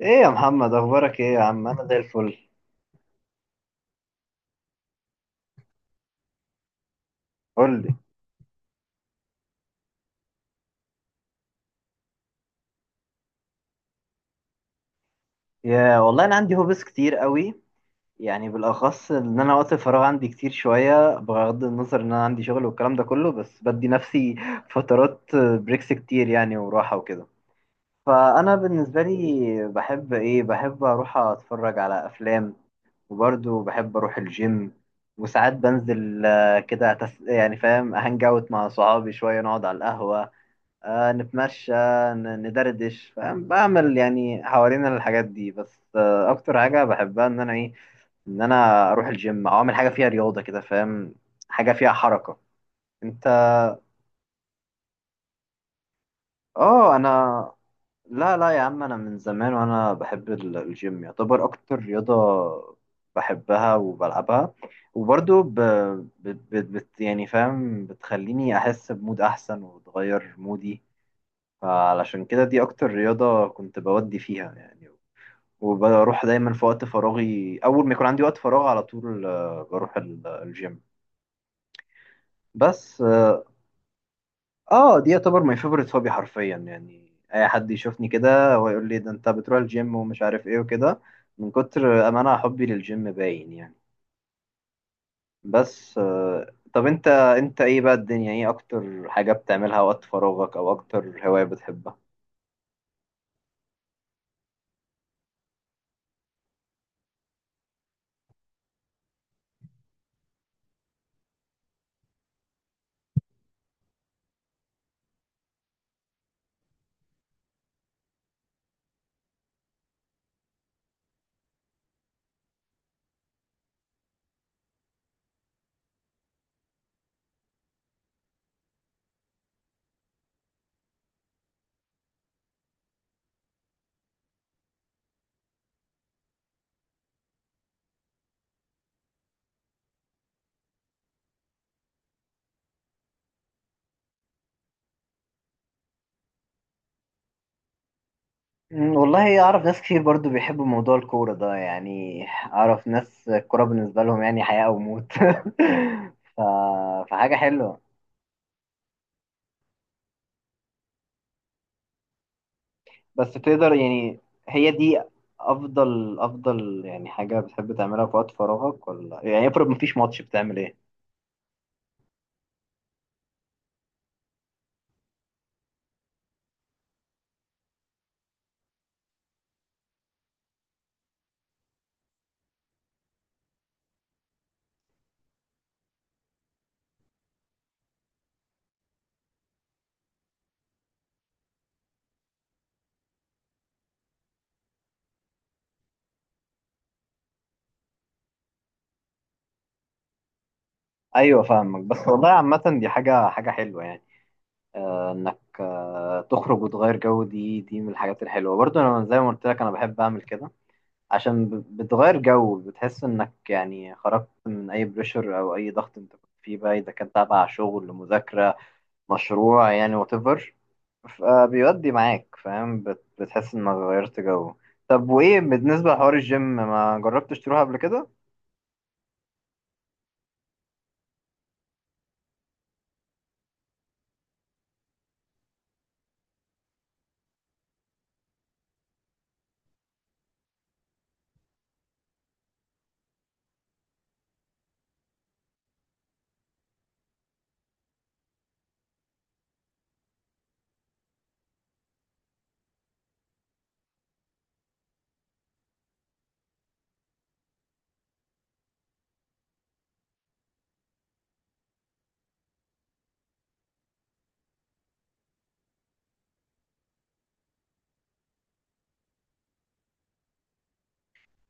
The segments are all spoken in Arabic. ايه يا محمد، اخبارك ايه يا عم؟ انا زي الفل. قول لي. يا والله انا عندي هوبس كتير قوي، يعني بالاخص ان انا وقت الفراغ عندي كتير شويه، بغض النظر ان انا عندي شغل والكلام ده كله، بس بدي نفسي فترات بريكس كتير يعني، وراحه وكده. فانا بالنسبه لي بحب ايه، بحب اروح اتفرج على افلام، وبرضه بحب اروح الجيم. وساعات بنزل، كده يعني فاهم، هانج اوت مع صحابي شويه، نقعد على القهوه، نتمشى، ندردش، فاهم، بعمل يعني حوالين الحاجات دي. بس اكتر حاجه بحبها ان انا ايه، ان انا اروح الجيم او اعمل حاجه فيها رياضه كده، فاهم، حاجه فيها حركه. انت. اه. انا لا لا يا عم، انا من زمان وانا بحب الجيم، يعتبر اكتر رياضه بحبها وبلعبها. وبرضو يعني فاهم، بتخليني احس بمود احسن وتغير مودي. فعلشان كده دي اكتر رياضة كنت بودي فيها يعني. وبروح دايما في وقت فراغي، اول ما يكون عندي وقت فراغ على طول بروح الجيم. بس اه. دي يعتبر ماي فيفورت هوبي حرفيا، يعني اي حد يشوفني كده ويقول لي ده انت بتروح الجيم ومش عارف ايه وكده، من كتر ما انا حبي للجيم باين يعني. بس طب انت ايه بقى الدنيا، ايه اكتر حاجة بتعملها وقت فراغك، او اكتر هواية بتحبها؟ مم، والله أعرف ناس كتير برضو بيحبوا موضوع الكورة ده، يعني أعرف ناس الكورة بالنسبة لهم يعني حياة أو موت ف... فحاجة حلوة، بس تقدر يعني. هي دي أفضل يعني حاجة بتحب تعملها في وقت فراغك، ولا يعني افرض مفيش ماتش بتعمل إيه؟ أيوة، فاهمك. بس والله عامة دي حاجة حلوة يعني، إنك تخرج وتغير جو، دي من الحاجات الحلوة. برضو أنا زي ما قلت لك أنا بحب أعمل كده، عشان بتغير جو، بتحس انك يعني خرجت من اي بريشر او اي ضغط انت كنت فيه بقى، اذا كان تابع شغل، مذاكرة، مشروع، يعني وات ايفر، فبيودي معاك، فاهم، بتحس انك غيرت جو. طب وايه بالنسبة لحوار الجيم؟ ما جربتش تروح قبل كده؟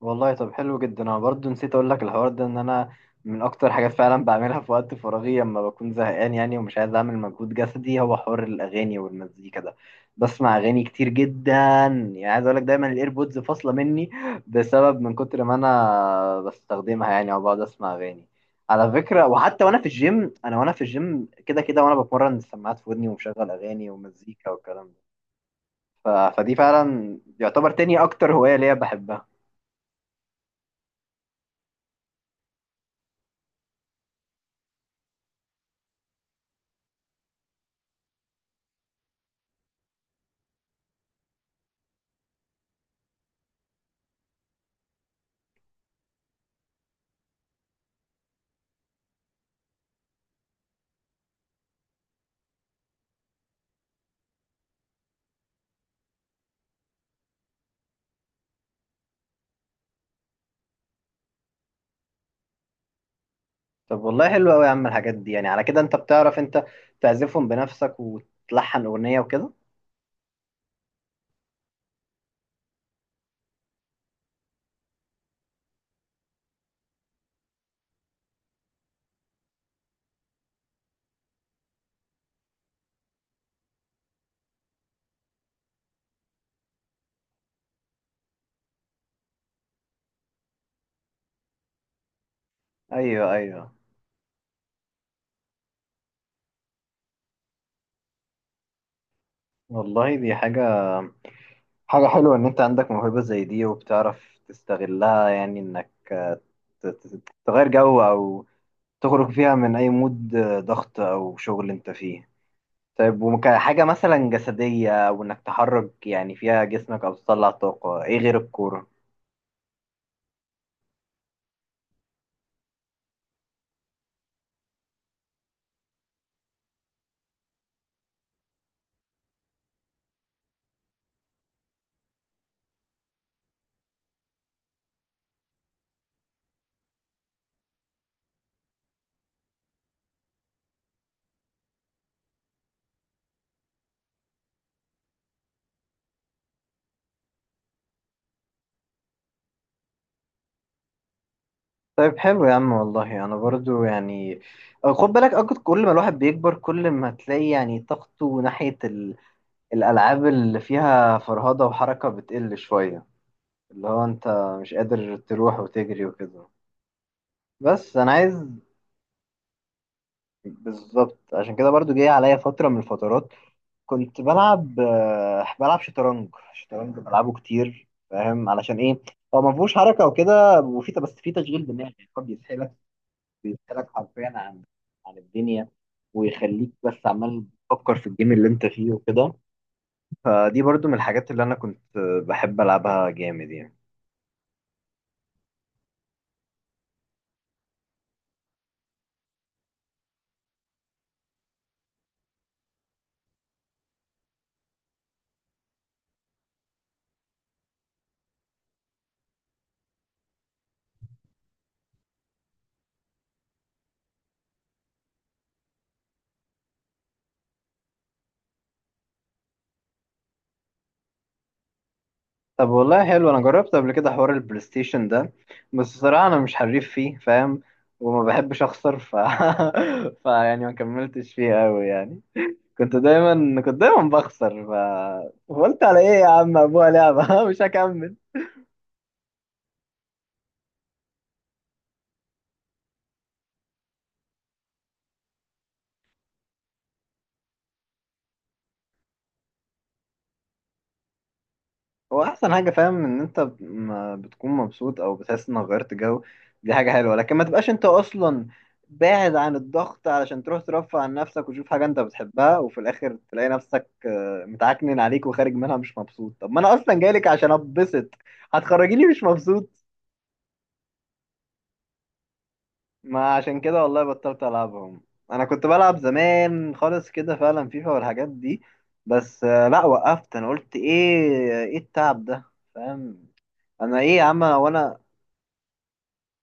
والله طب حلو جدا. انا برضو نسيت اقول لك الحوار ده، ان انا من اكتر حاجات فعلا بعملها في وقت فراغي لما بكون زهقان يعني، ومش عايز اعمل مجهود جسدي، هو حوار الاغاني والمزيكا ده. بسمع اغاني كتير جدا، يعني عايز اقول لك دايما الايربودز فاصله مني، بسبب من كتر ما انا بستخدمها يعني، او بقعد اسمع اغاني. على فكره، وحتى وانا في الجيم، انا وانا في الجيم كده كده وانا بتمرن، السماعات في ودني ومشغل اغاني ومزيكا والكلام ده. فدي فعلا يعتبر تاني اكتر هوايه ليا بحبها. طب والله حلو قوي يا عم الحاجات دي يعني. على كده انت بتعرف انت تعزفهم بنفسك وتلحن اغنية وكده؟ ايوه، ايوه. والله دي حاجة حلوة، ان انت عندك موهبة زي دي وبتعرف تستغلها، يعني انك تغير جو، او تخرج فيها من اي مود ضغط او شغل انت فيه. طيب، وكحاجة مثلا جسدية وانك تحرك يعني فيها جسمك، او تطلع طاقة، ايه غير الكورة؟ طيب حلو يا عم. والله انا برضو يعني، خد بالك اكتر، كل ما الواحد بيكبر كل ما تلاقي يعني طاقته ناحية الالعاب اللي فيها فرهضة وحركة بتقل شوية، اللي هو انت مش قادر تروح وتجري وكده، بس انا عايز. بالظبط، عشان كده برضو جاي عليا فترة من الفترات كنت بلعب، بلعب شطرنج. شطرنج بلعبه كتير، فاهم علشان ايه؟ هو ما فيهوش حركة وكده، وفي بس في تشغيل دماغ، يعني هو بيسحلك، بيسألك حرفيا عن الدنيا، ويخليك بس عمال تفكر في الجيم اللي انت فيه وكده. فدي برضو من الحاجات اللي انا كنت بحب العبها جامد يعني. طب والله حلو. انا جربت قبل كده حوار البلاي ستيشن ده، بس الصراحة انا مش حريف فيه، فاهم، وما بحبش اخسر، فيعني ما كملتش فيه قوي يعني. كنت دايما بخسر، قلت على ايه يا عم، ابوها لعبة مش هكمل. هو احسن حاجه، فاهم، ان انت ما بتكون مبسوط او بتحس انك غيرت جو، دي حاجه حلوه. لكن ما تبقاش انت اصلا باعد عن الضغط علشان تروح ترفع عن نفسك وتشوف حاجه انت بتحبها، وفي الاخر تلاقي نفسك متعكنن عليك، وخارج منها مش مبسوط. طب ما انا اصلا جايلك عشان اتبسط، هتخرجيني مش مبسوط؟ ما عشان كده والله بطلت العبهم. انا كنت بلعب زمان خالص كده فعلا فيفا والحاجات دي، بس لا وقفت. انا قلت ايه التعب ده، فاهم؟ انا ايه يا عم وانا.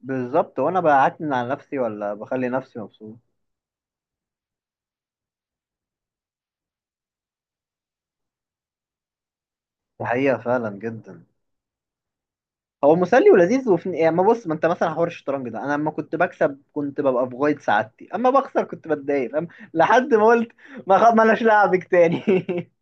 بالظبط، وانا بعتمد على نفسي، ولا بخلي نفسي مبسوط؟ الحقيقه فعلا جدا. هو مسلي ولذيذ وفي يعني، ما بص، ما انت مثلا حوار الشطرنج ده انا لما كنت بكسب كنت ببقى في غايه سعادتي، اما بخسر كنت بتضايق، فاهم. لحد ما قلت ما خ... مالناش لعبك تاني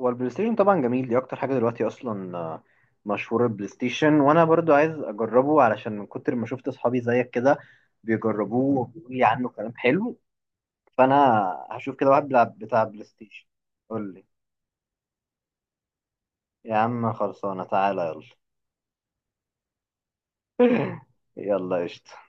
هو البلاي ستيشن طبعا جميل، دي اكتر حاجه دلوقتي اصلا مشهور البلاي ستيشن، وانا برضو عايز اجربه، علشان من كتر ما شفت اصحابي زيك كده بيجربوه وبيقولوا لي عنه كلام حلو. فانا هشوف كده واحد بيلعب بتاع بلاي ستيشن. قول لي. يا عم خلصانة، تعالى. يلا يلا قشطة.